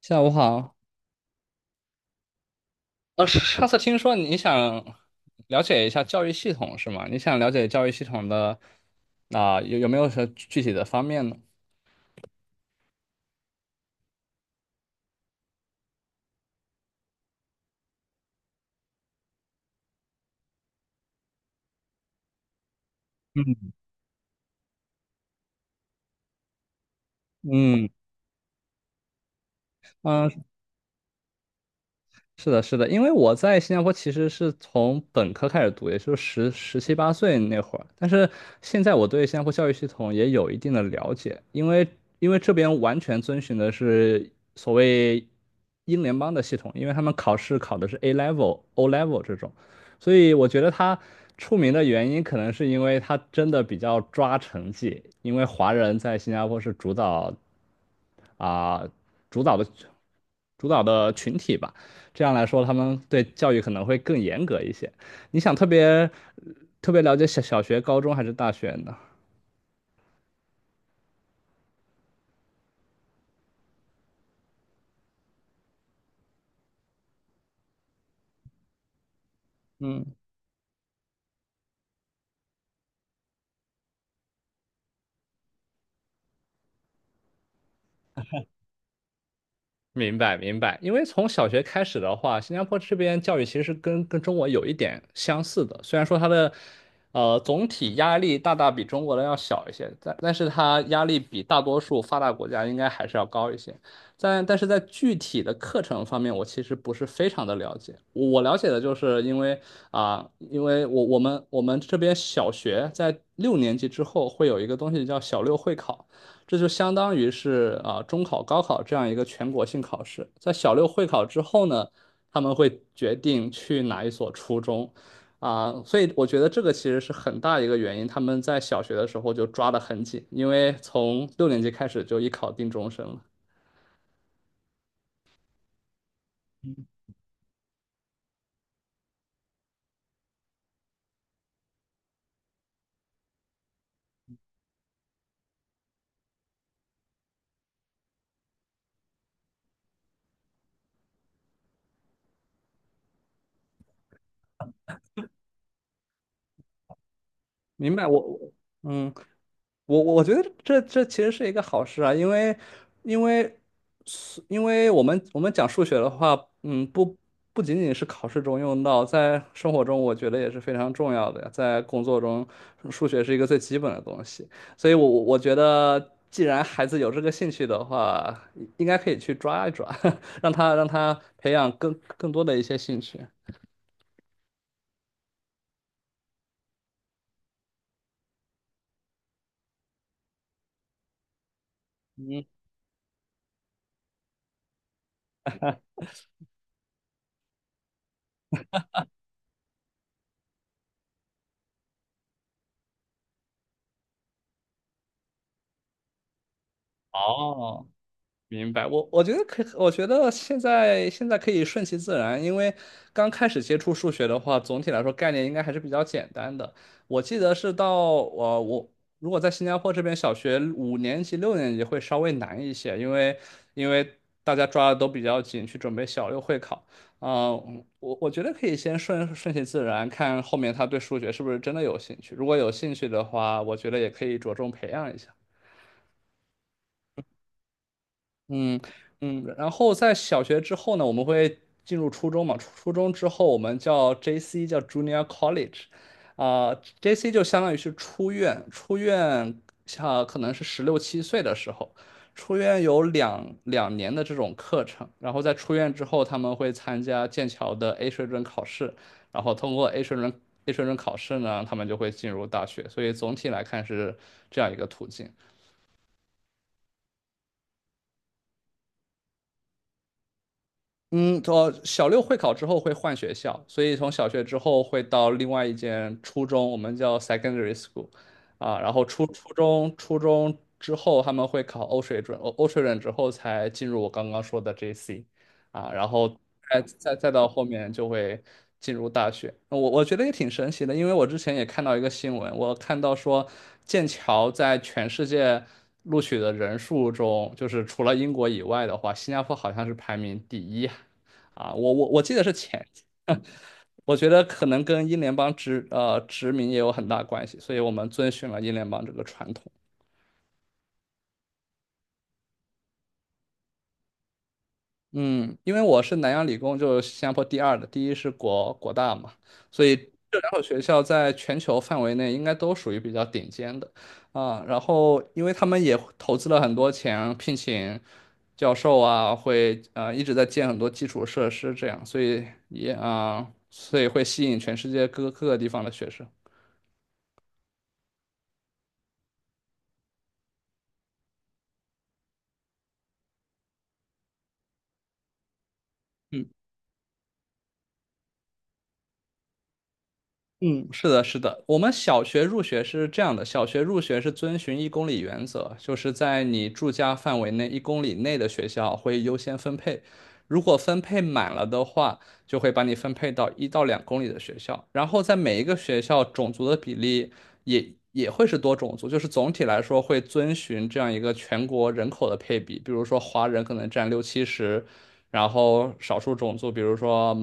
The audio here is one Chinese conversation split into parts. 下午好。上次听说你想了解一下教育系统是吗？你想了解教育系统的有没有什么具体的方面呢？嗯嗯、是的，是的，因为我在新加坡其实是从本科开始读，也就是七八岁那会儿。但是现在我对新加坡教育系统也有一定的了解，因为这边完全遵循的是所谓英联邦的系统，因为他们考试考的是 A level、O level 这种，所以我觉得它出名的原因可能是因为它真的比较抓成绩，因为华人在新加坡是主导啊、主导的主导的群体吧。这样来说，他们对教育可能会更严格一些。你想特别特别了解小学、高中还是大学呢？嗯，明白明白，因为从小学开始的话，新加坡这边教育其实是跟中国有一点相似的，虽然说它的总体压力比中国的要小一些，但是它压力比大多数发达国家应该还是要高一些，但是在具体的课程方面，我其实不是非常的了解，我了解的就是因为因为我们这边小学在六年级之后会有一个东西叫小六会考。这就相当于是啊中考、高考这样一个全国性考试。在小六会考之后呢，他们会决定去哪一所初中，啊，所以我觉得这个其实是很大一个原因。他们在小学的时候就抓得很紧，因为从六年级开始就一考定终身了。明白我，嗯。我觉得这其实是一个好事啊，因为因为我们讲数学的话，嗯，不仅仅是考试中用到，在生活中我觉得也是非常重要的呀，在工作中，数学是一个最基本的东西，所以我觉得，既然孩子有这个兴趣的话，应该可以去抓一抓，让他培养更多的一些兴趣。嗯，哦。明白，我觉得现在可以顺其自然，因为刚开始接触数学的话，总体来说概念应该还是比较简单的。我记得是到呃，我如果在新加坡这边，小学五年级、六年级会稍微难一些，因为大家抓的都比较紧，去准备小六会考。啊、我觉得可以先顺其自然，看后面他对数学是不是真的有兴趣。如果有兴趣的话，我觉得也可以着重培养一下。嗯，嗯，然后在小学之后呢，我们会进入初中嘛。初中之后，我们叫 JC，叫 Junior College,啊、j c 就相当于是出院,像可能是十六七岁的时候，出院有两年的这种课程，然后在出院之后，他们会参加剑桥的 A 水准考试，然后通过 A 水准 A 水准考试呢，他们就会进入大学，所以总体来看是这样一个途径。嗯，我小六会考之后会换学校，所以从小学之后会到另外一间初中，我们叫 secondary school,啊，然后初中之后他们会考欧水准，欧水准之后才进入我刚刚说的 JC。啊，然后再到后面就会进入大学。我觉得也挺神奇的，因为我之前也看到一个新闻，我看到说剑桥在全世界录取的人数中，就是除了英国以外的话，新加坡好像是排名第一啊，我记得是前。我觉得可能跟英联邦殖民也有很大关系，所以我们遵循了英联邦这个传统。嗯，因为我是南洋理工，就是新加坡第二的，第一是国大嘛，所以这两所学校在全球范围内应该都属于比较顶尖的啊。然后，因为他们也投资了很多钱，聘请教授啊，会一直在建很多基础设施，这样，所以所以会吸引全世界各个地方的学生。嗯。嗯，是的，是的，我们小学入学是这样的，小学入学是遵循一公里原则，就是在你住家范围内一公里内的学校会优先分配，如果分配满了的话，就会把你分配到一到两公里的学校，然后在每一个学校种族的比例也会是多种族，就是总体来说会遵循这样一个全国人口的配比，比如说华人可能占六七十，然后少数种族，比如说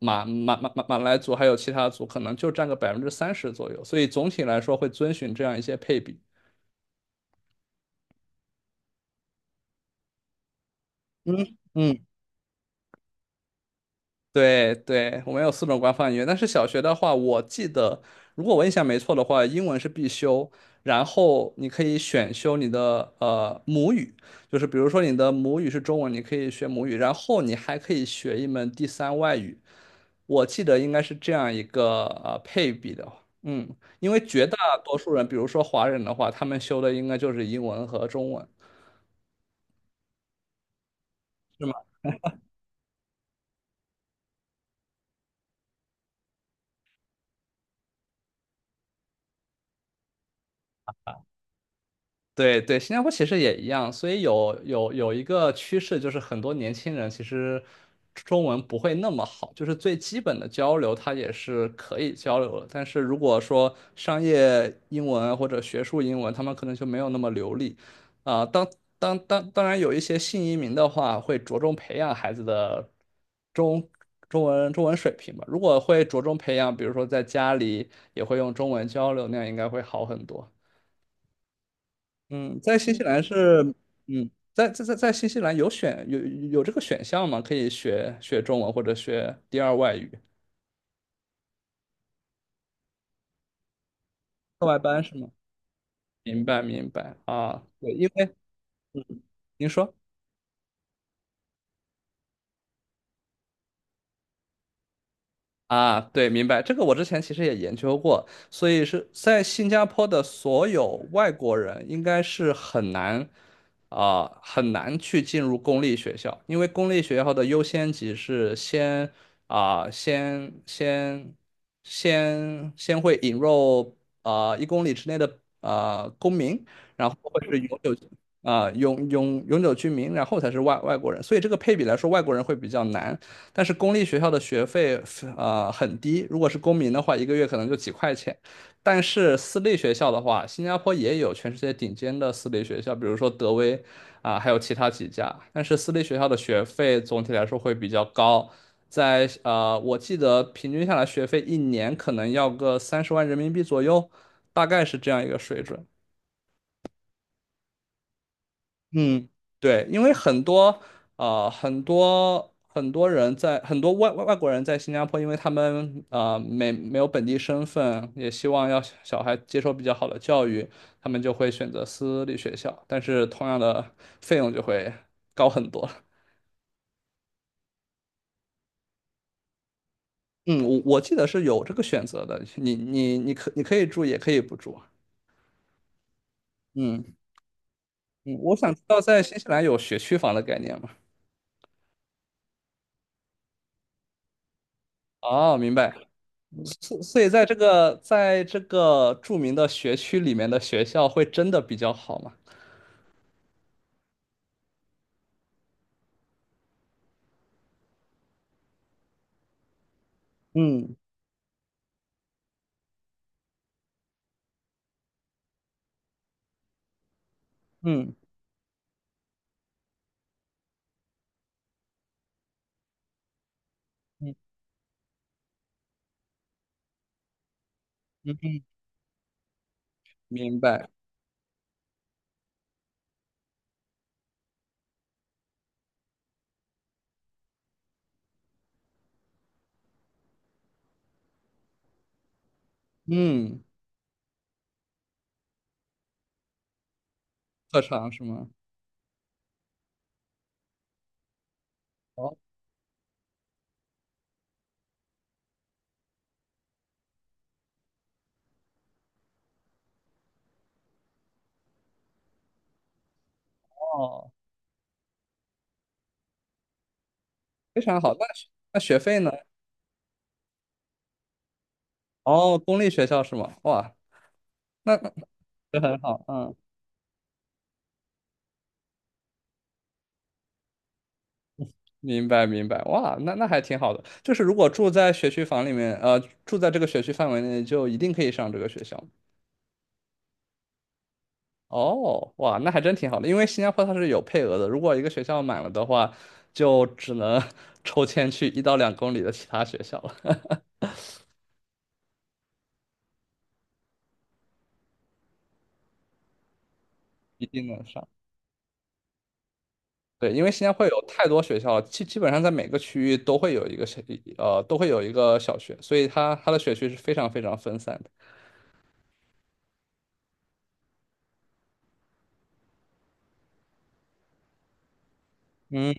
马来族还有其他族可能就占个百分之三十左右，所以总体来说会遵循这样一些配比。嗯嗯。对对，我们有四种官方语言，但是小学的话，我记得如果我印象没错的话，英文是必修，然后你可以选修你的母语，就是比如说你的母语是中文，你可以学母语，然后你还可以学一门第三外语，我记得应该是这样一个配比的，嗯，因为绝大多数人，比如说华人的话，他们修的应该就是英文和中文。对对，新加坡其实也一样，所以有一个趋势，就是很多年轻人其实中文不会那么好，就是最基本的交流他也是可以交流的，但是如果说商业英文或者学术英文，他们可能就没有那么流利。啊、当当然有一些新移民的话，会着重培养孩子的中中文水平吧。如果会着重培养，比如说在家里也会用中文交流，那样应该会好很多。嗯，在新西兰是，嗯，在新西兰有有这个选项吗？可以学中文或者学第二外语课外班是吗？明白明白啊，对，因为嗯，您说。啊，对，明白。这个我之前其实也研究过，所以是在新加坡的所有外国人应该是很难很难去进入公立学校，因为公立学校的优先级是先啊、先先先先会引入一公里之内的公民，然后会是永久永久居民，然后才是外国人，所以这个配比来说，外国人会比较难。但是公立学校的学费很低，如果是公民的话，一个月可能就几块钱。但是私立学校的话，新加坡也有全世界顶尖的私立学校，比如说德威还有其他几家。但是私立学校的学费总体来说会比较高，在我记得平均下来学费一年可能要个三十万人民币左右，大概是这样一个水准。嗯，对，因为很多很多人在很多外外外国人在新加坡，因为他们没有本地身份，也希望要小孩接受比较好的教育，他们就会选择私立学校，但是同样的费用就会高很多。嗯，我记得是有这个选择的，你可以住，也可以不住啊。嗯，嗯，我想知道在新西兰有学区房的概念吗？哦，明白。所以在这个著名的学区里面的学校会真的比较好吗？嗯嗯嗯嗯嗯，明白。嗯，特长是吗？哦，哦，非常好。那学费呢？哦，公立学校是吗？哇，那这很好。嗯，明白明白。哇，那那还挺好的。就是如果住在学区房里面，呃，住在这个学区范围内，就一定可以上这个学校。哦，哇，那还真挺好的，因为新加坡它是有配额的，如果一个学校满了的话，就只能 抽签去一到两公里的其他学校了，一定能上。对，因为新加坡有太多学校了，基本上在每个区域都会有一个小，呃，都会有一个小学，所以它的学区是非常非常分散的。嗯，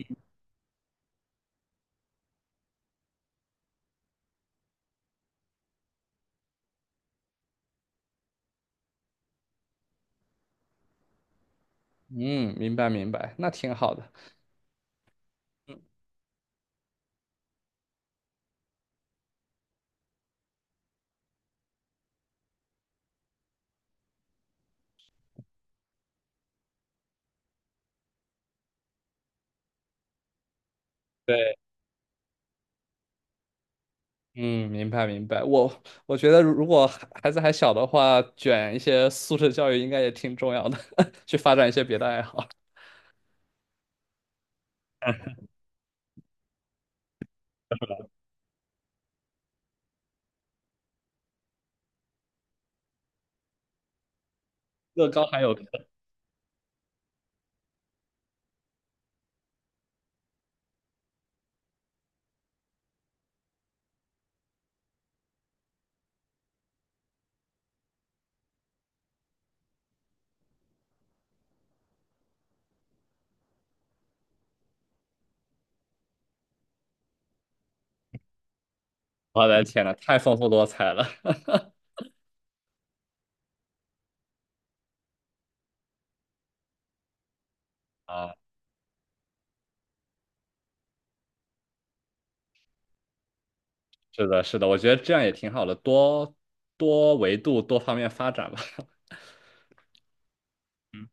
嗯，明白明白，那挺好的。对，嗯，明白明白。我觉得如果孩子还小的话，卷一些素质教育应该也挺重要的，去发展一些别的爱好。乐高还有，我的天呐，太丰富多彩了 啊！是的，是的，我觉得这样也挺好的，多多维度、多方面发展吧。嗯，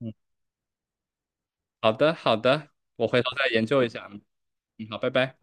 嗯，好的，好的，我回头再研究一下。嗯，嗯好，拜拜。